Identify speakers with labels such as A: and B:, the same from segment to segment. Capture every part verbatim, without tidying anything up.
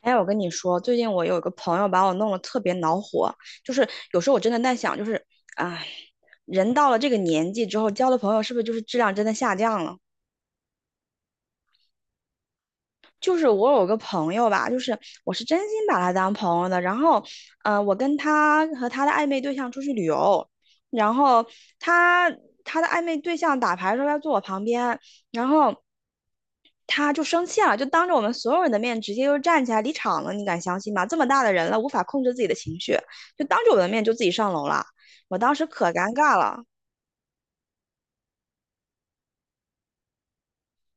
A: 哎，我跟你说，最近我有一个朋友把我弄得特别恼火，就是有时候我真的在想，就是，唉，人到了这个年纪之后，交的朋友是不是就是质量真的下降了？就是我有个朋友吧，就是我是真心把他当朋友的，然后，呃，我跟他和他的暧昧对象出去旅游，然后他他的暧昧对象打牌的时候要坐我旁边，然后。他就生气了，就当着我们所有人的面直接就站起来离场了，你敢相信吗？这么大的人了，无法控制自己的情绪，就当着我的面就自己上楼了。我当时可尴尬了，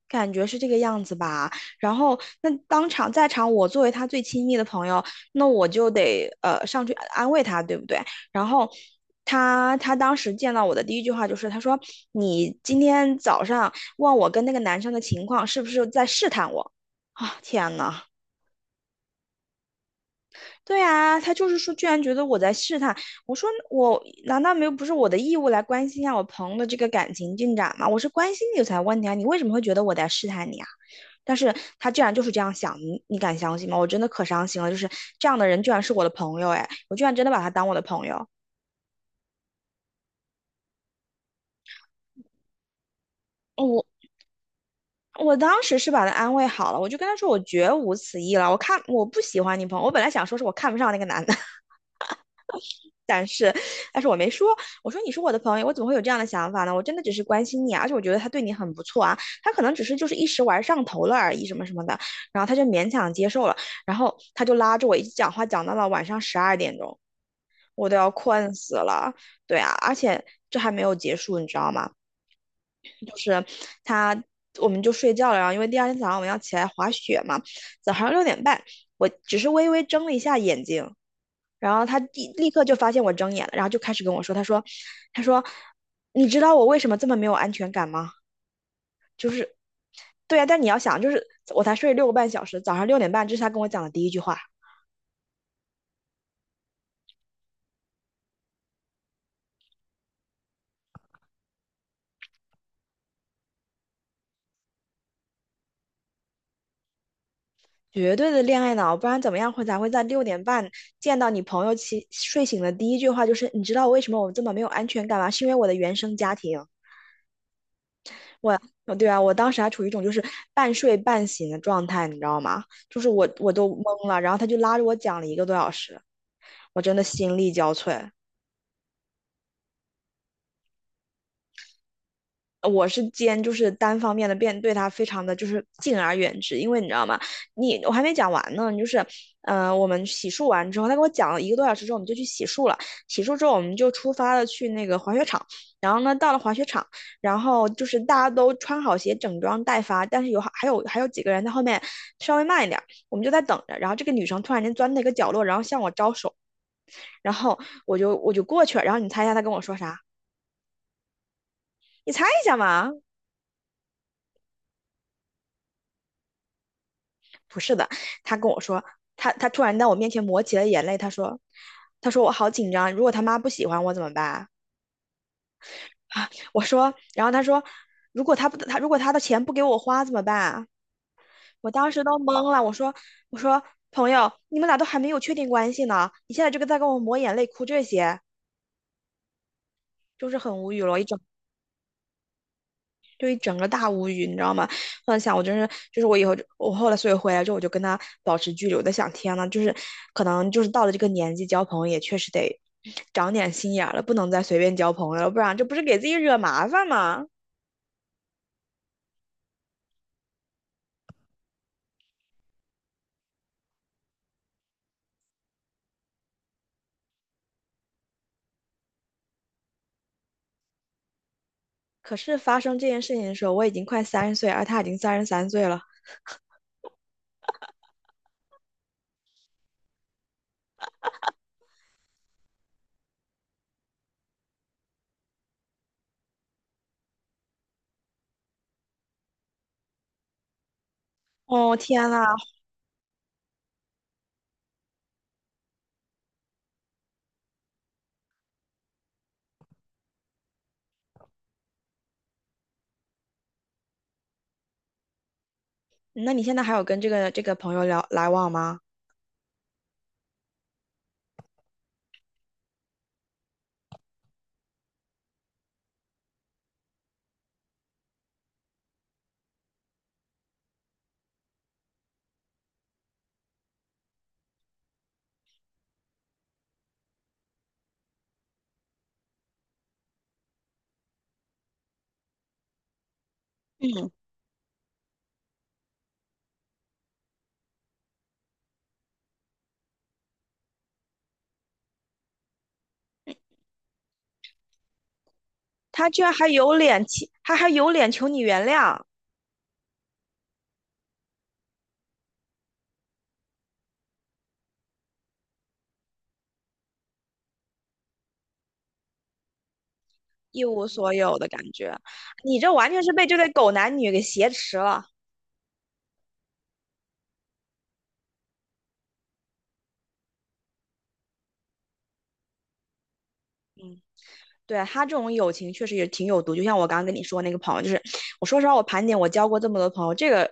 A: 感觉是这个样子吧。然后那当场在场，我作为他最亲密的朋友，那我就得呃上去安慰他，对不对？然后他他当时见到我的第一句话就是他说："你今天早上问我跟那个男生的情况，是不是在试探我？"啊，天呐！对啊，他就是说，居然觉得我在试探。我说我难道没有不是我的义务来关心一下我朋友的这个感情进展吗？我是关心你才问你啊，你为什么会觉得我在试探你啊？但是他居然就是这样想，你你敢相信吗？我真的可伤心了，就是这样的人居然是我的朋友，哎，我居然真的把他当我的朋友。哦我我当时是把他安慰好了，我就跟他说我绝无此意了，我看我不喜欢你朋友，我本来想说是我看不上那个男的。是，但是我没说，我说你是我的朋友，我怎么会有这样的想法呢？我真的只是关心你啊而且我觉得他对你很不错啊，他可能只是就是一时玩上头了而已，什么什么的，然后他就勉强接受了，然后他就拉着我一直讲话，讲到了晚上十二点钟，我都要困死了，对啊，而且这还没有结束，你知道吗？就是他我们就睡觉了，然后因为第二天早上我们要起来滑雪嘛，早上六点半，我只是微微睁了一下眼睛，然后他立立刻就发现我睁眼了，然后就开始跟我说，他说，他说，你知道我为什么这么没有安全感吗？就是，对呀、但你要想，就是我才睡六个半小时，早上六点半，这是他跟我讲的第一句话。绝对的恋爱脑，不然怎么样会才会在六点半见到你朋友起睡醒的第一句话就是你知道我为什么我这么没有安全感吗？是因为我的原生家庭。我，呃对啊，我当时还处于一种就是半睡半醒的状态，你知道吗？就是我我都懵了，然后他就拉着我讲了一个多小时，我真的心力交瘁。我是兼就是单方面的变对他非常的就是敬而远之，因为你知道吗？你我还没讲完呢，就是呃，我们洗漱完之后，他跟我讲了一个多小时之后，我们就去洗漱了。洗漱之后，我们就出发了去那个滑雪场。然后呢，到了滑雪场，然后就是大家都穿好鞋，整装待发，但是有还有还有几个人在后面稍微慢一点，我们就在等着。然后这个女生突然间钻到一个角落，然后向我招手，然后我就我就过去了。然后你猜一下她跟我说啥？你猜一下嘛？不是的，他跟我说，他他突然在我面前抹起了眼泪，他说，他说我好紧张，如果他妈不喜欢我怎么办？啊，我说，然后他说，如果他不他如果他的钱不给我花怎么办？我当时都懵了，我说我说朋友，你们俩都还没有确定关系呢，你现在这个在跟我抹眼泪哭这些，就是很无语了，我一整就一整个大无语，你知道吗？幻想我真是，就是我以后就我后来所以回来之后我就跟他保持距离，我在想天呐，就是可能就是到了这个年纪，交朋友也确实得长点心眼儿了，不能再随便交朋友了，不然这不是给自己惹麻烦吗？可是发生这件事情的时候，我已经快三十岁，而他已经三十三岁了。哦天呐，那你现在还有跟这个这个朋友聊来往吗？嗯，他居然还有脸，他还有脸求你原谅。一无所有的感觉。你这完全是被这对狗男女给挟持了。对他这种友情确实也挺有毒，就像我刚刚跟你说那个朋友，就是我说实话，我盘点我交过这么多朋友，这个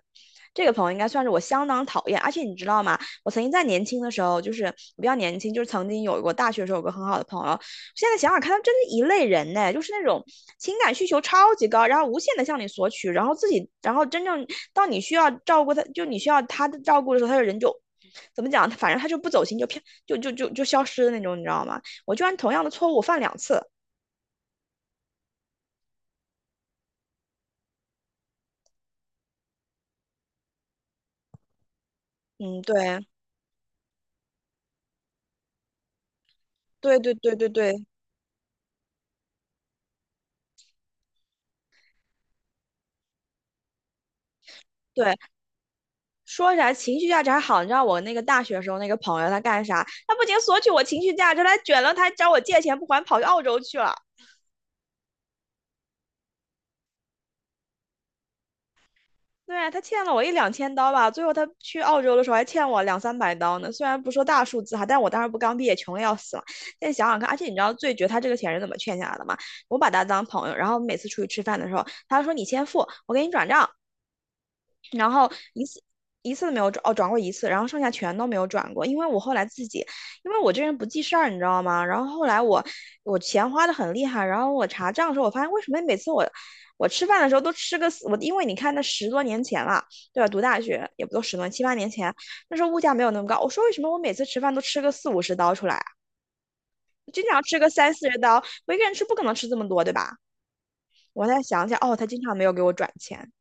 A: 这个朋友应该算是我相当讨厌。而且你知道吗？我曾经在年轻的时候，就是比较年轻，就是曾经有过大学的时候有个很好的朋友。现在想想看，他真是一类人呢，就是那种情感需求超级高，然后无限的向你索取，然后自己，然后真正到你需要照顾他，就你需要他的照顾的时候，他的人就怎么讲？反正他就不走心，就偏就就就就消失的那种，你知道吗？我居然同样的错误犯两次。嗯，对，对对对对对对，说起来情绪价值还好，你知道我那个大学时候那个朋友他干啥？他不仅索取我情绪价值，他还卷了，他还找我借钱不还，跑去澳洲去了。对啊，他欠了我一两千刀吧，最后他去澳洲的时候还欠我两三百刀呢。虽然不说大数字哈，但我当时不刚毕业，穷的要死了。现在想想看，而且你知道最绝他这个钱是怎么欠下来的吗？我把他当朋友，然后每次出去吃饭的时候，他说你先付，我给你转账。然后一次一次都没有转，哦，转过一次，然后剩下全都没有转过，因为我后来自己，因为我这人不记事儿，你知道吗？然后后来我我钱花的很厉害，然后我查账的时候，我发现为什么每次我我吃饭的时候都吃个死我，因为你看那十多年前了，对吧？读大学也不都十多七八年前，那时候物价没有那么高，我说为什么我每次吃饭都吃个四五十刀出来啊？经常吃个三四十刀，我一个人吃不可能吃这么多，对吧？我再想想，哦，他经常没有给我转钱，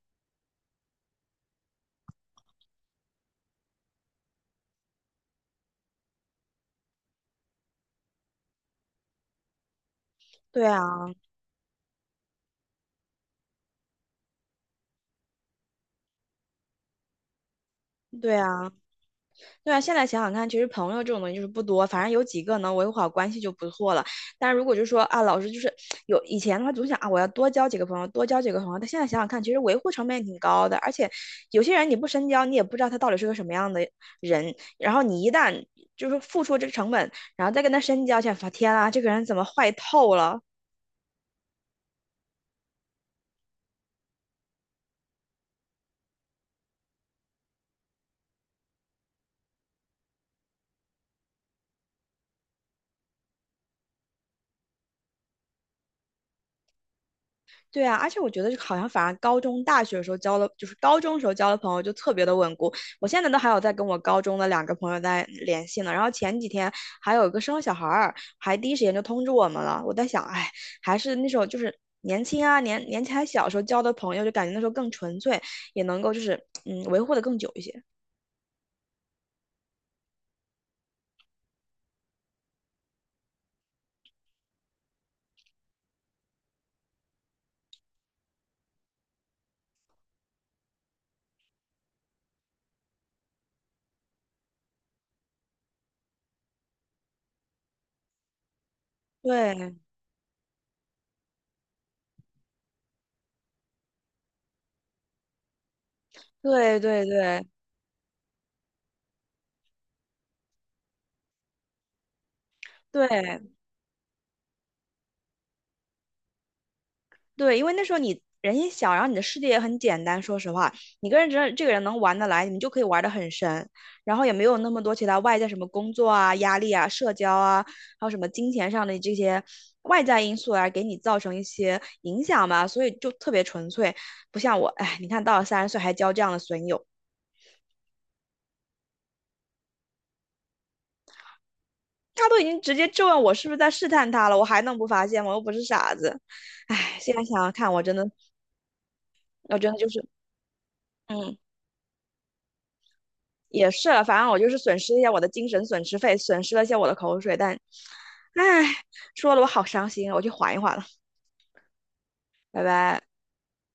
A: 对啊，对啊。对啊，现在想想看，其实朋友这种东西就是不多，反正有几个能维护好关系就不错了。但如果就说啊，老师就是有以前的话，总想啊，我要多交几个朋友，多交几个朋友。但现在想想看，其实维护成本也挺高的，而且有些人你不深交，你也不知道他到底是个什么样的人。然后你一旦就是付出这个成本，然后再跟他深交，想发天啊，这个人怎么坏透了？对啊，而且我觉得好像反而高中、大学的时候交的，就是高中时候交的朋友就特别的稳固。我现在都还有在跟我高中的两个朋友在嗯联系呢。然后前几天还有一个生了小孩儿，还第一时间就通知我们了。我在想，哎，还是那时候就是年轻啊，年年纪还小时候交的朋友，就感觉那时候更纯粹，也能够就是嗯维护的更久一些。对对对对对。对，因为那时候你人也小，然后你的世界也很简单。说实话，你跟人这这个人能玩得来，你们就可以玩得很深，然后也没有那么多其他外在什么工作啊、压力啊、社交啊，还有什么金钱上的这些外在因素啊，给你造成一些影响吧。所以就特别纯粹，不像我，哎，你看到了三十岁还交这样的损友，他都已经直接质问我是不是在试探他了，我还能不发现吗？我又不是傻子。哎，现在想想看，我真的，我真的就是，嗯。也是了反正我就是损失一下我的精神损失费，损失了一下我的口水，但，唉，说的我好伤心啊我去缓一缓了，拜拜。